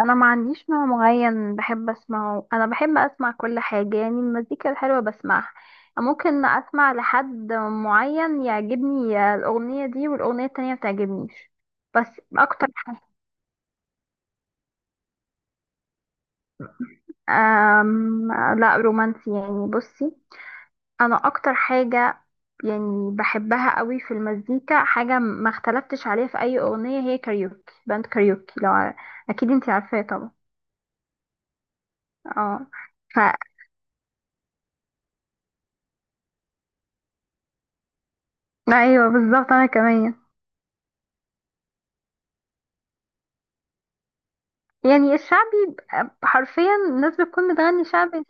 انا ما عنديش نوع معين بحب اسمعه. انا بحب اسمع كل حاجه، يعني المزيكا الحلوه بسمعها. ممكن اسمع لحد معين، يعجبني الاغنيه دي والاغنيه التانية ما تعجبنيش. بس اكتر حاجه أم... لا رومانسي يعني بصي. انا اكتر حاجه، يعني بحبها قوي في المزيكا، حاجه ما اختلفتش عليها في اي اغنيه، هي كاريوكي. باند كاريوكي اكيد انتي عارفاه طبعا. اه ف ايوه بالظبط، انا كمان. يعني الشعبي حرفيا الناس بتكون بتغني شعبي.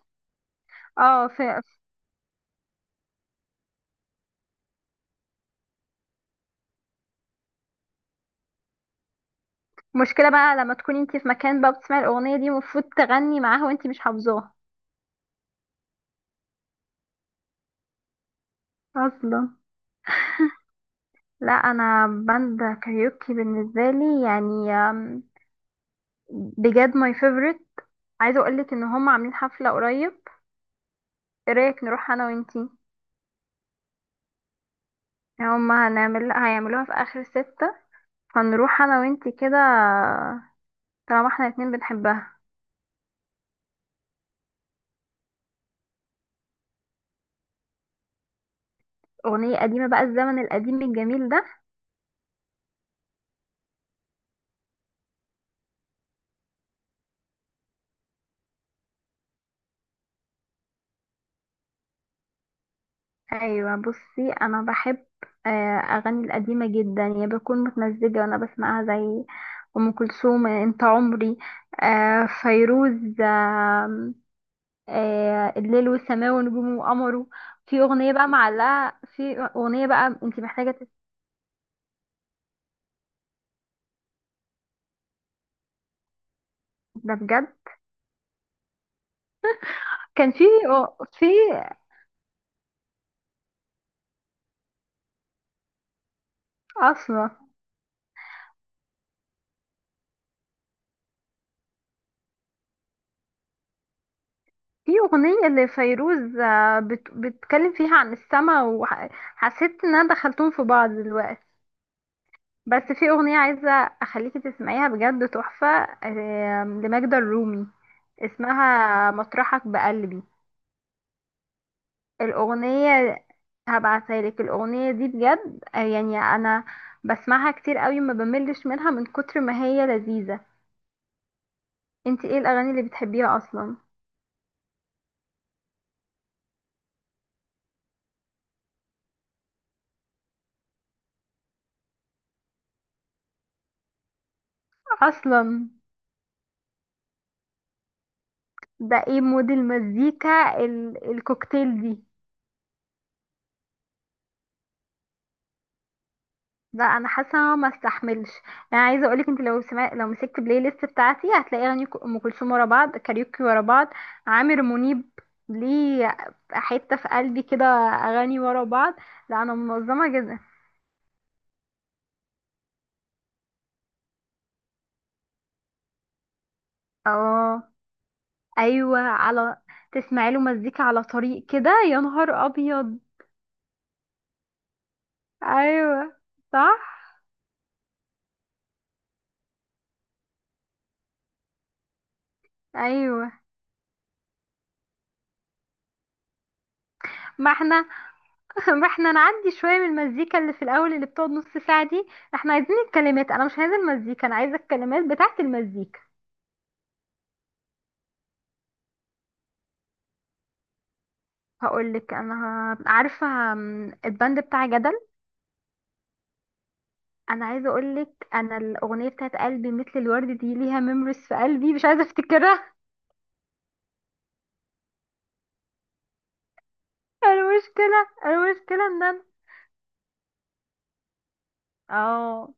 اه في مشكلة بقى لما تكوني انتي في مكان بقى، بتسمعي الأغنية دي، المفروض تغني معاها وانتي مش حافظاها. اصلا، لا انا باند كاريوكي بالنسبة لي يعني بجد ماي فيفورت. عايزة اقولك ان هم عاملين حفلة قريب. ايه رأيك نروح انا وانتي؟ يعني هم هنعمل هيعملوها في اخر ستة، فنروح انا وانتي كده، طالما احنا الاتنين بنحبها. أغنية قديمة بقى، الزمن القديم الجميل ده. ايوه بصي انا بحب اغاني القديمه جدا، يعني بكون متمزجه وانا بسمعها زي ام كلثوم انت عمري، فيروز، آم، آه، الليل والسماء ونجوم وقمره. في اغنيه بقى معلقه، في اغنيه بقى انت محتاجه تسمعي، ده بجد. كان في اصلا في اغنيه لفيروز بتتكلم فيها عن السماء، وحسيت ان انا دخلتهم في بعض دلوقتي. بس في اغنية عايزة اخليكي تسمعيها، بجد تحفة. لماجدة الرومي، اسمها مطرحك بقلبي. الاغنية هبعتها لك، الاغنية دي بجد، يعني انا بسمعها كتير قوي، ما بملش منها من كتر ما هي لذيذة. انت ايه الاغاني اللي بتحبيها اصلا؟ اصلا ده ايه مود المزيكا الكوكتيل دي. لا انا حاسه إن أنا ما استحملش. انا عايزه اقولك، انت لو مسكت بلاي ليست بتاعتي هتلاقي اغاني ام كلثوم ورا بعض، كاريوكي ورا بعض، عامر منيب، ليه، حته في قلبي كده اغاني ورا بعض. لا انا منظمه جدا. اه، ايوه، على تسمعي له مزيكا على طريق كده يا نهار ابيض. ايوه، صح، ايوه، ما احنا احنا نعدي شوية من المزيكا اللي في الأول اللي بتقعد نص ساعة دي. احنا عايزين الكلمات، أنا مش عايزة المزيكا، أنا عايزة الكلمات بتاعة المزيكا. هقولك أنا، عارفة، الباند بتاع جدل، أنا عايزة أقولك، أنا الأغنية بتاعة قلبي مثل الورد دي ليها ميموريز في قلبي، مش عايزة أفتكرها. المشكلة إن أنا، اه،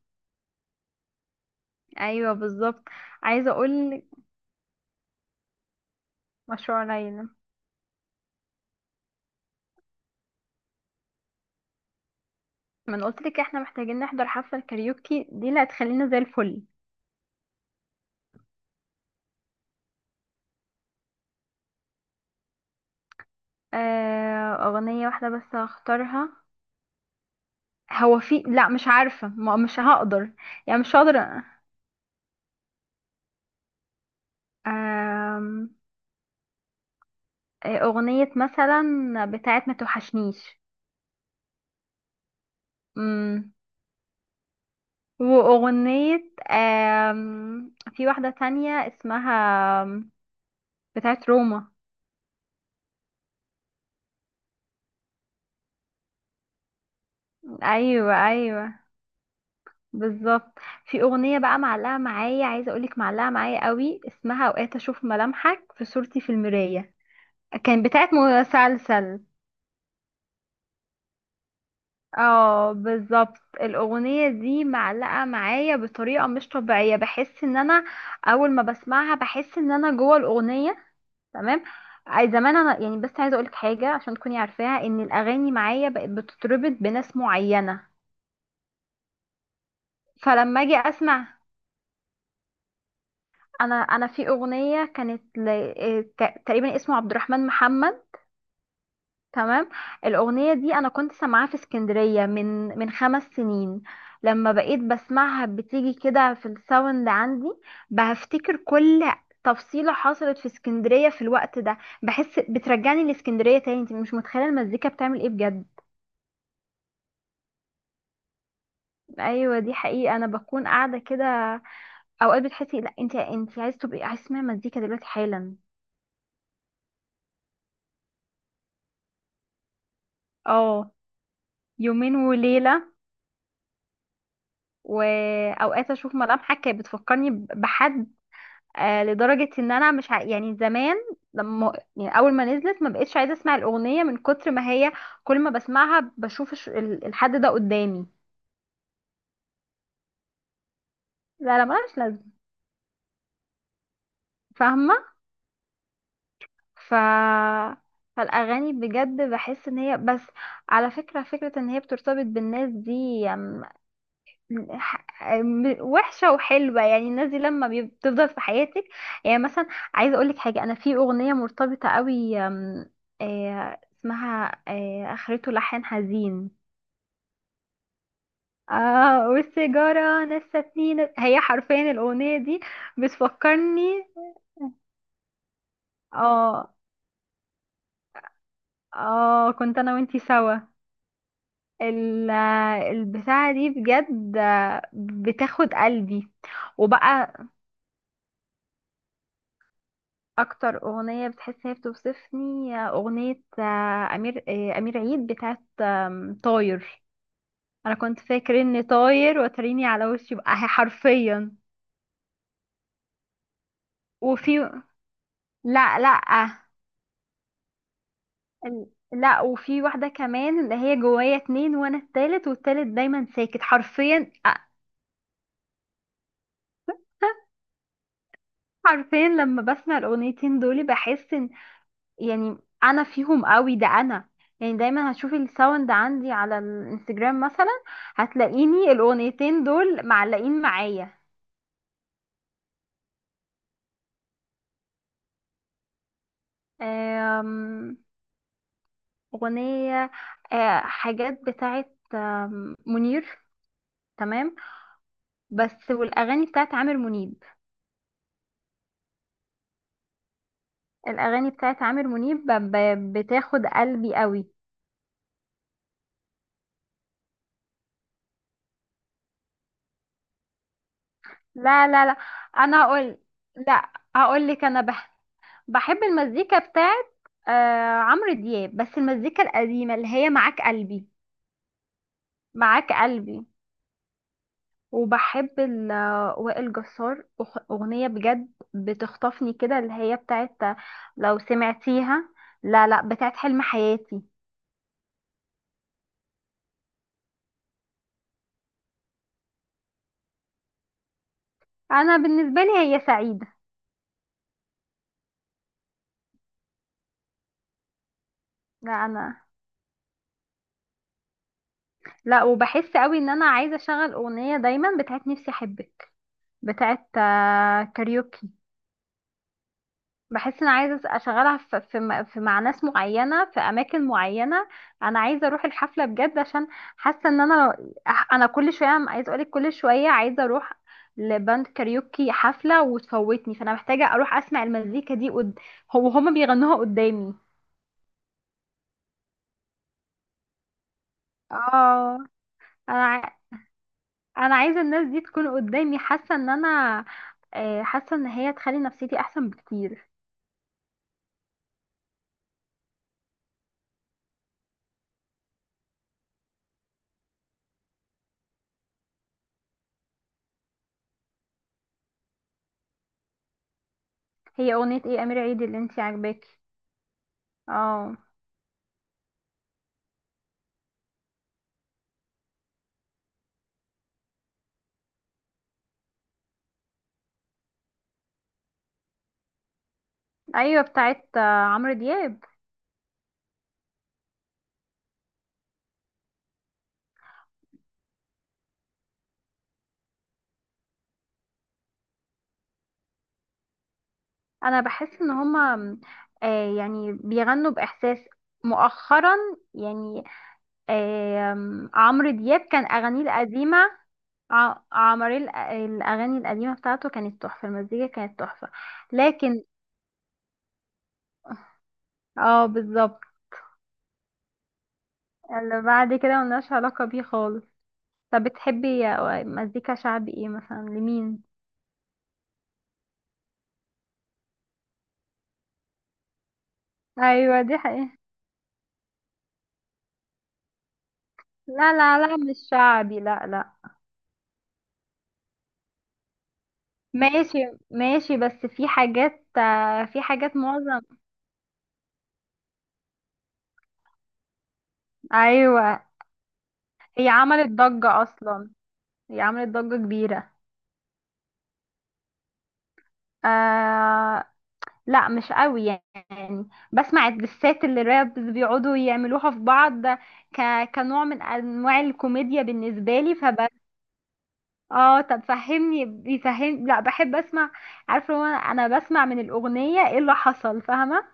أيوه بالظبط، عايزة أقولك مشروع ليلى. ما أنا قلتلك احنا محتاجين نحضر حفلة كاريوكي دي اللي هتخلينا زي الفل. أغنية واحدة بس هختارها؟ هو في، لا مش عارفة، مش هقدر. يعني مش هقدر. آم، آه، أغنية مثلا بتاعت ما توحشنيش. مم. وأغنية، في واحدة تانية اسمها آم، بتاعت روما. أيوة أيوة، بالظبط. في أغنية بقى معلقة معايا، عايزة أقولك، معلقة معايا قوي، اسمها أوقات أشوف ملامحك في صورتي في المراية. كان بتاعت مسلسل. اه بالظبط، الاغنيه دي معلقه معايا بطريقه مش طبيعيه، بحس ان انا اول ما بسمعها بحس ان انا جوه الاغنيه. تمام. اي زمان انا يعني، بس عايزه اقولك حاجه عشان تكوني عارفاها، ان الاغاني معايا بقت بتتربط بناس معينه. فلما اجي اسمع، انا في اغنيه كانت تقريبا اسمه عبد الرحمن محمد. تمام. الأغنية دي أنا كنت سامعاها في اسكندرية من 5 سنين. لما بقيت بسمعها بتيجي كده في الساوند عندي، بفتكر كل تفصيلة حصلت في اسكندرية في الوقت ده. بحس بترجعني لاسكندرية تاني، انت مش متخيلة المزيكا بتعمل ايه بجد. ايوه دي حقيقة، انا بكون قاعدة كده اوقات بتحسي، لا انت عايز تبقي، عايز تسمعي مزيكا دلوقتي حالا. اه، يومين وليلة، واوقات اشوف ملامحك كانت بتفكرني بحد. آه لدرجة ان انا مش ع... يعني زمان لما يعني اول ما نزلت ما بقتش عايزة اسمع الاغنية من كتر ما هي كل ما بسمعها بشوف الحد ده قدامي. لا لا ملهاش لازمة، فاهمة. ف فالاغاني بجد بحس ان هي بس على فكرة، فكرة ان هي بترتبط بالناس دي. وحشة وحلوة، يعني الناس دي لما بتفضل في حياتك. يعني مثلا، عايزة اقولك حاجة، انا في اغنية مرتبطة قوي، أم، آه، اسمها اخرته لحن حزين. اه والسيجارة نستني هي حرفيا الاغنية دي بتفكرني. اه اه، كنت انا وانتي سوا. ال- البتاعة دي بجد، بتاخد قلبي. وبقى، اكتر اغنيه بتحس هي بتوصفني اغنيه، امير عيد بتاعت طاير. انا كنت فاكر اني طاير، وتريني على وشي بقى حرفيا. وفي، لا لا، ال- لا وفي واحده كمان اللي هي جوايا اتنين، وانا التالت، والتالت دايما ساكت حرفيا حرفيا لما بسمع الاغنيتين دول بحس، يعني انا فيهم قوي، ده انا يعني دايما هتشوفي الساوند عندي على الانستجرام مثلا، هتلاقيني الاغنيتين دول معلقين معايا. آم، اغنية حاجات بتاعت منير، تمام. بس والاغاني بتاعت عامر منيب، الاغاني بتاعت عامر منيب بتاخد قلبي قوي. لا لا لا، انا هقول، لا هقول لك انا بحب المزيكا بتاعت آه عمرو دياب، بس المزيكا القديمة اللي هي معاك قلبي، معاك قلبي. وبحب وائل جسار، أغنية بجد بتخطفني كده اللي هي بتاعت، لو سمعتيها. لا لا، بتاعت حلم حياتي. أنا بالنسبة لي هي سعيدة. لا أنا، لا وبحس قوي ان انا عايزه اشغل اغنيه دايما بتاعت نفسي احبك بتاعت كاريوكي. بحس انا عايزه اشغلها في مع ناس معينه في اماكن معينه. انا عايزه اروح الحفله بجد، عشان حاسه ان انا كل شويه، عايزه اقولك كل شويه عايزه اروح لباند كاريوكي حفله وتفوتني، فانا محتاجه اروح اسمع المزيكا دي هو هما بيغنوها قدامي. اه انا ع- انا عايزه الناس دي تكون قدامي، حاسه ان انا حاسه ان هي تخلي نفسيتي احسن بكتير. هي اغنيه ايه امير عيد اللي انتي عاجباكي؟ اه ايوه بتاعت عمرو دياب. انا بحس ان هما يعني بيغنوا باحساس مؤخرا، يعني عمرو دياب كان اغانيه القديمه عمرو الاغاني القديمه بتاعته كانت تحفه، المزيكا كانت تحفه. لكن، اه بالظبط، اللي بعد كده ملناش علاقه بيه خالص. طب بتحبي مزيكا شعبي ايه مثلا لمين؟ ايوه دي حقيقة، لا لا لا مش شعبي، لا لا. ماشي ماشي، بس في حاجات، في حاجات معظم. ايوه، هي عملت ضجة أصلا، هي عملت ضجة كبيرة. آه، لا مش قوي يعني. بسمع الدسات اللي رابز بيقعدوا يعملوها في بعض ك... كنوع من أنواع الكوميديا بالنسبة لي اه. طب فهمني بيفهم، لا بحب اسمع. عارفه، هو انا أنا بسمع من الاغنيه ايه اللي حصل، فاهمه.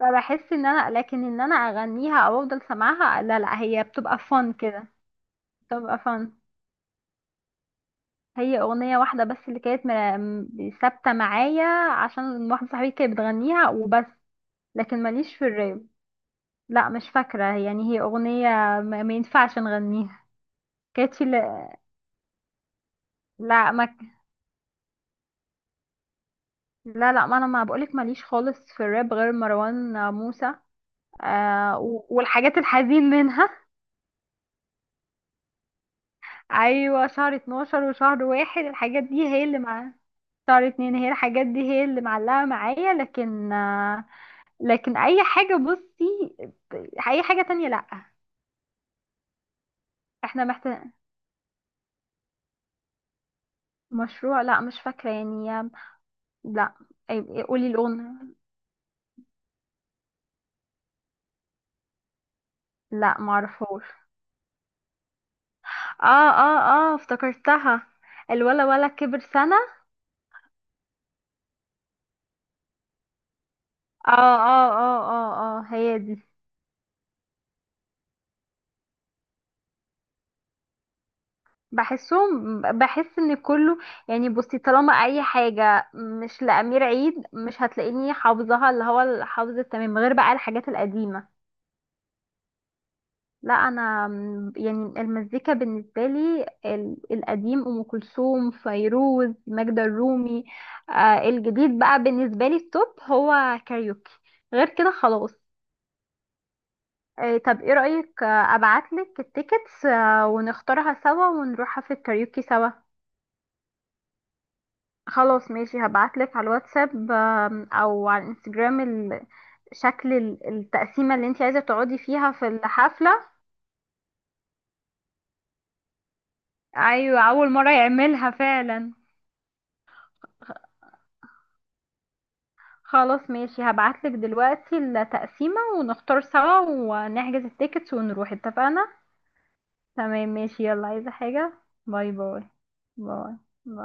فبحس ان انا لكن ان انا اغنيها او افضل سامعها، لا لا، هي بتبقى فن كده، بتبقى فن. هي اغنيه واحده بس اللي كانت ثابته معايا، عشان واحده صاحبتي كانت بتغنيها وبس. لكن ماليش في الراب. لا مش فاكره يعني، هي اغنيه ما ينفعش نغنيها. كانت في ال- لا ما ك- لا لا، ما انا ما بقولك ماليش خالص في الراب غير مروان موسى والحاجات الحزين منها. ايوه شهر 12 وشهر واحد، الحاجات دي هي اللي معايا. شهر اتنين هي الحاجات دي هي اللي معلقة معايا، لكن لكن اي حاجة بصي، اي حاجة تانية لا. احنا محتاج مشروع لا مش فاكرة يعني، لا قولي لون. لا معرفوش. اه اه اه افتكرتها، الولا ولا كبر سنة. اه اه اه اه اه، هي دي. بحس ان كله يعني، بصي طالما اي حاجة مش لأمير عيد مش هتلاقيني حافظاها، اللي هو الحافظ التمام غير بقى الحاجات القديمة. لا انا يعني المزيكا بالنسبه لي القديم ام كلثوم، فيروز، ماجدة الرومي. الجديد بقى بالنسبه لي التوب هو كاريوكي، غير كده خلاص. طب ايه رايك، ابعتلك التيكتس ونختارها سوا ونروحها في الكاريوكي سوا. خلاص ماشي، هبعتلك على الواتساب او على الانستجرام شكل التقسيمه اللي انت عايزه تقعدي فيها في الحفله. ايوه اول مره يعملها فعلا. خلاص ماشي، هبعتلك دلوقتي التقسيمة ونختار سوا ونحجز التيكتس ونروح، اتفقنا؟ تمام ماشي، يلا عايزة حاجة؟ باي باي. باي باي.